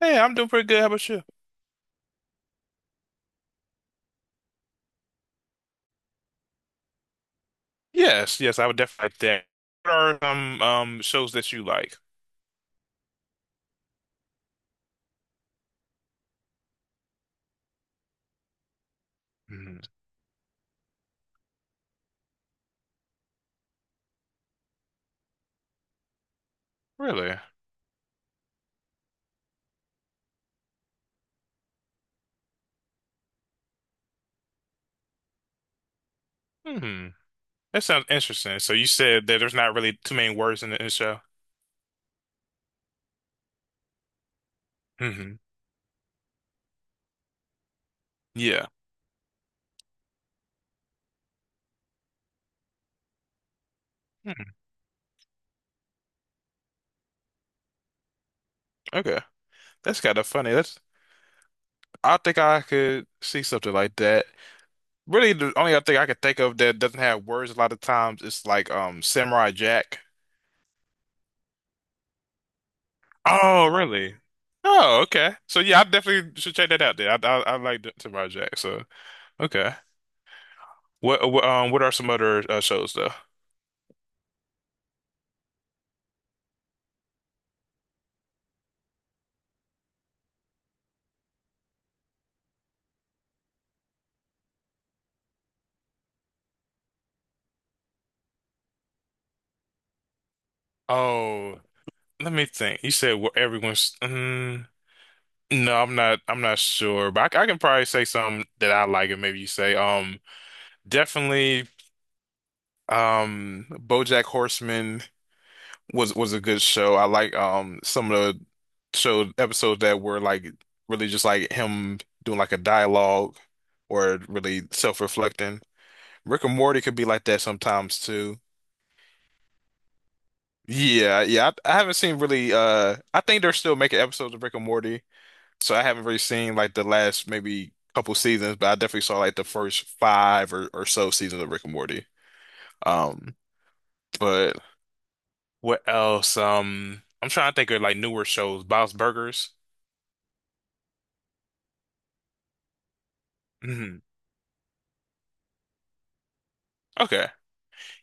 Hey, I'm doing pretty good. How about you? Yes, yes, I would definitely like that. What are some shows that you like? Hmm. Really? Hmm. That sounds interesting. So you said that there's not really too many words in the show. Hmm. Yeah. Hmm. Okay. That's kind of funny. That's I think I could see something like that. Really, the only other thing I could think of that doesn't have words a lot of times is like Samurai Jack. Oh, really? Oh, okay. So yeah, I definitely should check that out. Then I like Samurai Jack. So okay. What what are some other shows though? Oh, let me think. You said where everyone's. No, I'm not sure, but I can probably say some that I like, and maybe you say definitely BoJack Horseman was a good show. I like some of the show episodes that were like really just like him doing like a dialogue or really self-reflecting. Rick and Morty could be like that sometimes too. Yeah, yeah. I haven't seen really I think they're still making episodes of Rick and Morty, so I haven't really seen like the last maybe couple seasons, but I definitely saw like the first five or so seasons of Rick and Morty. Um, but what else? I'm trying to think of like newer shows, Bob's Burgers. Hmm. Okay.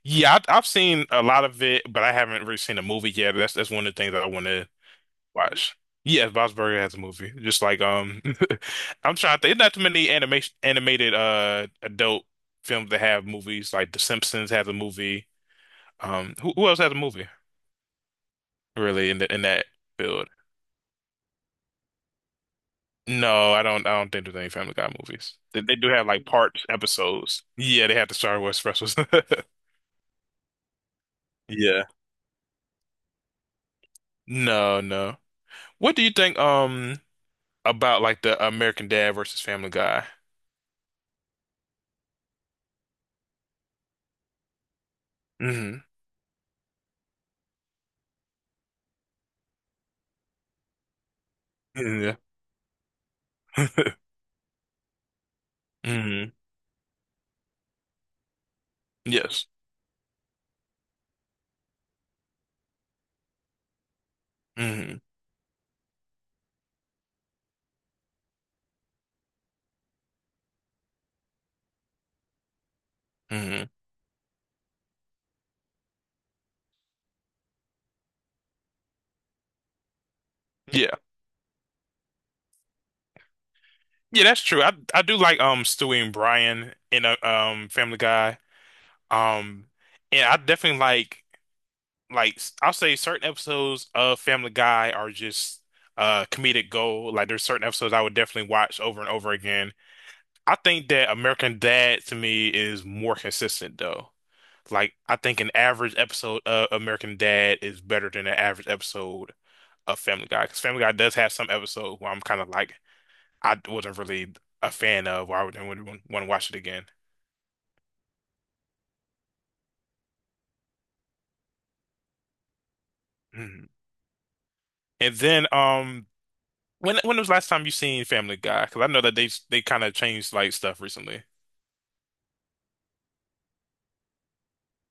Yeah, I've seen a lot of it, but I haven't really seen a movie yet. That's one of the things that I want to watch. Yeah, Bob's Burger has a movie. Just like I'm trying to think there's not too many animation animated adult films that have movies. Like The Simpsons has a movie. Um, who else has a movie really in that field? No, I don't think there's any Family Guy movies. They do have like part episodes. Yeah, they have the Star Wars specials. Yeah. No, no. What do you think about like the American Dad versus Family Guy? Hmm. Yeah. Hmm. Yes. Mhm. Hmm. Yeah. Yeah, that's true. I do like Stewie and Brian in a Family Guy. Um, and I definitely like I'll say certain episodes of Family Guy are just comedic gold. Like there's certain episodes I would definitely watch over and over again. I think that American Dad to me is more consistent though. Like I think an average episode of American Dad is better than an average episode of Family Guy because Family Guy does have some episodes where I'm kind of like I wasn't really a fan of, or I wouldn't want to watch it again. Mhm. And then, when was the last time you seen Family Guy? Because I know that they kind of changed like stuff recently.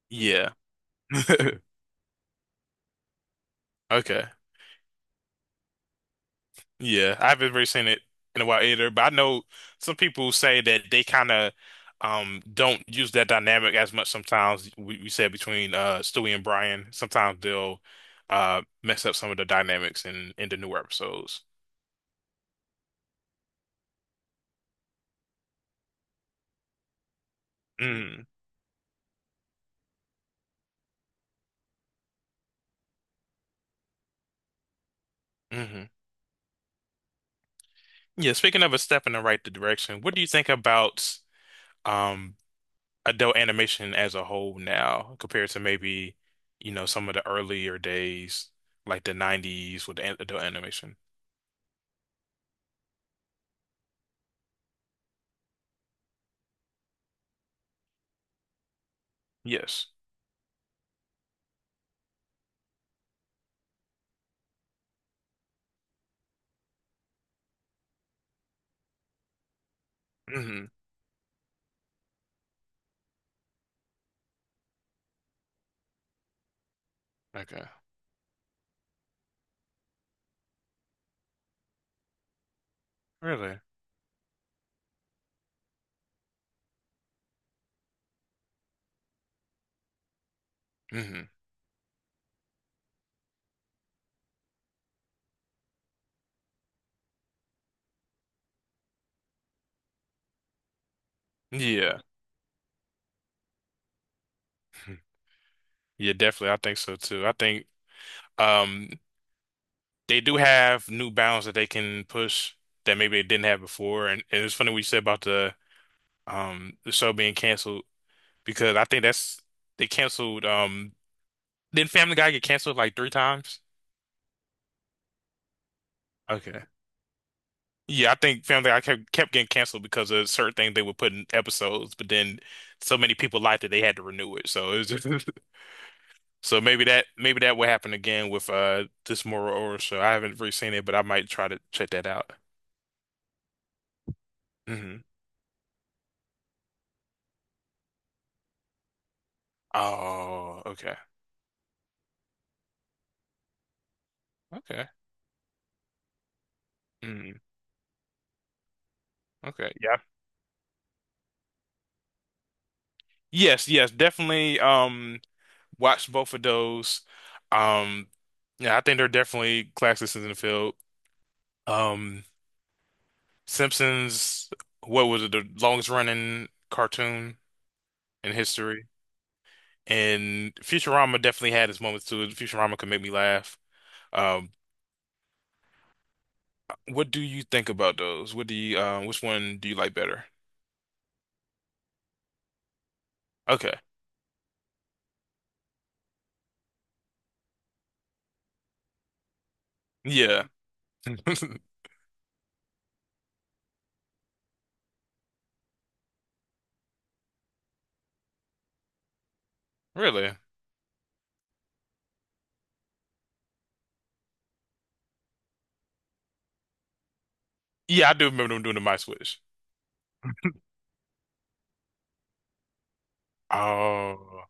Yeah. Okay. Yeah, I haven't really seen it in a while either, but I know some people say that they kind of don't use that dynamic as much sometimes. We said between Stewie and Brian, sometimes they'll mess up some of the dynamics in the newer episodes. Mm-hmm. Mm-hmm. Yeah, speaking of a step in the right direction, what do you think about um adult animation as a whole now compared to maybe, you know, some of the earlier days, like the 90s with adult animation? Yes. Hmm. Okay. Really? Hmm. Yeah. Yeah, definitely. I think so too. I think um they do have new bounds that they can push that maybe they didn't have before. And it's funny what you said about the show being canceled because I think that's they canceled did Family Guy get canceled like three times? Okay. Yeah, I think Family Guy kept getting canceled because of certain things they would put in episodes, but then so many people liked it they had to renew it. So it was just, so maybe that will happen again with this Mora Ora show. I haven't really seen it, but I might try to check that out. Hmm. Oh, okay, okay, mm, okay, yeah, yes, yes, definitely. Watch both of those. Um, yeah, I think they're definitely classics in the field. Um. Simpsons, what was it, the longest running cartoon in history? And Futurama definitely had its moments too. Futurama could make me laugh. Um, what do you think about those? What do you, which one do you like better? Okay. Yeah. Really? Yeah, I do remember them doing the My Switch. Oh,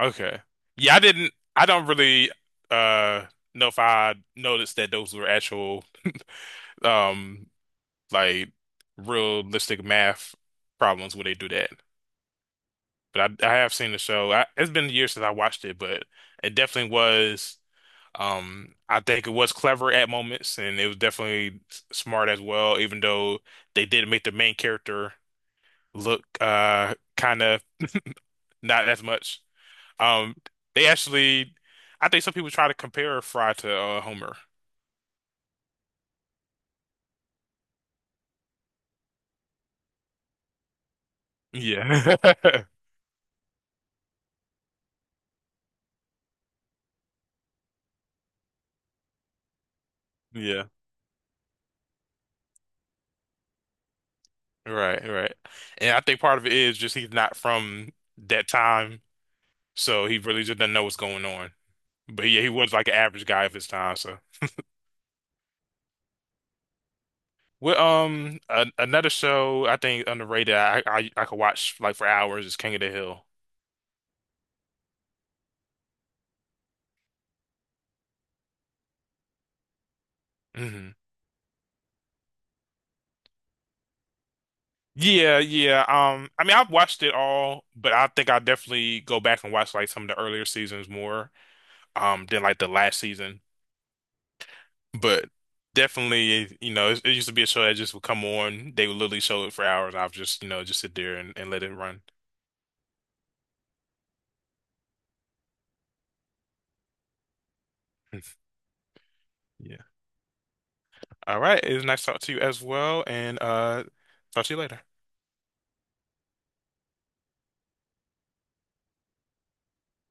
okay. Yeah, I don't really, uh, know if I noticed that those were actual, um, like realistic math problems where they do that. But I have seen the show. I, it's been years since I watched it, but it definitely was. I think it was clever at moments, and it was definitely smart as well. Even though they did make the main character look kind of not as much. Um, they actually, I think some people try to compare Fry to Homer. Yeah. Yeah. Right, right. And I think part of it is just he's not from that time, so he really just doesn't know what's going on. But yeah, he was like an average guy of his time. So, well, a another show I think underrated I could watch like for hours is King of the Hill. Hmm. Yeah, yeah. I mean, I've watched it all, but I think I definitely go back and watch like some of the earlier seasons more, than like the last season. But definitely, you know, it used to be a show that just would come on. They would literally show it for hours. I have just, you know, just sit there and let it run. Yeah. All right. It was nice to talk to you as well. And talk to you later.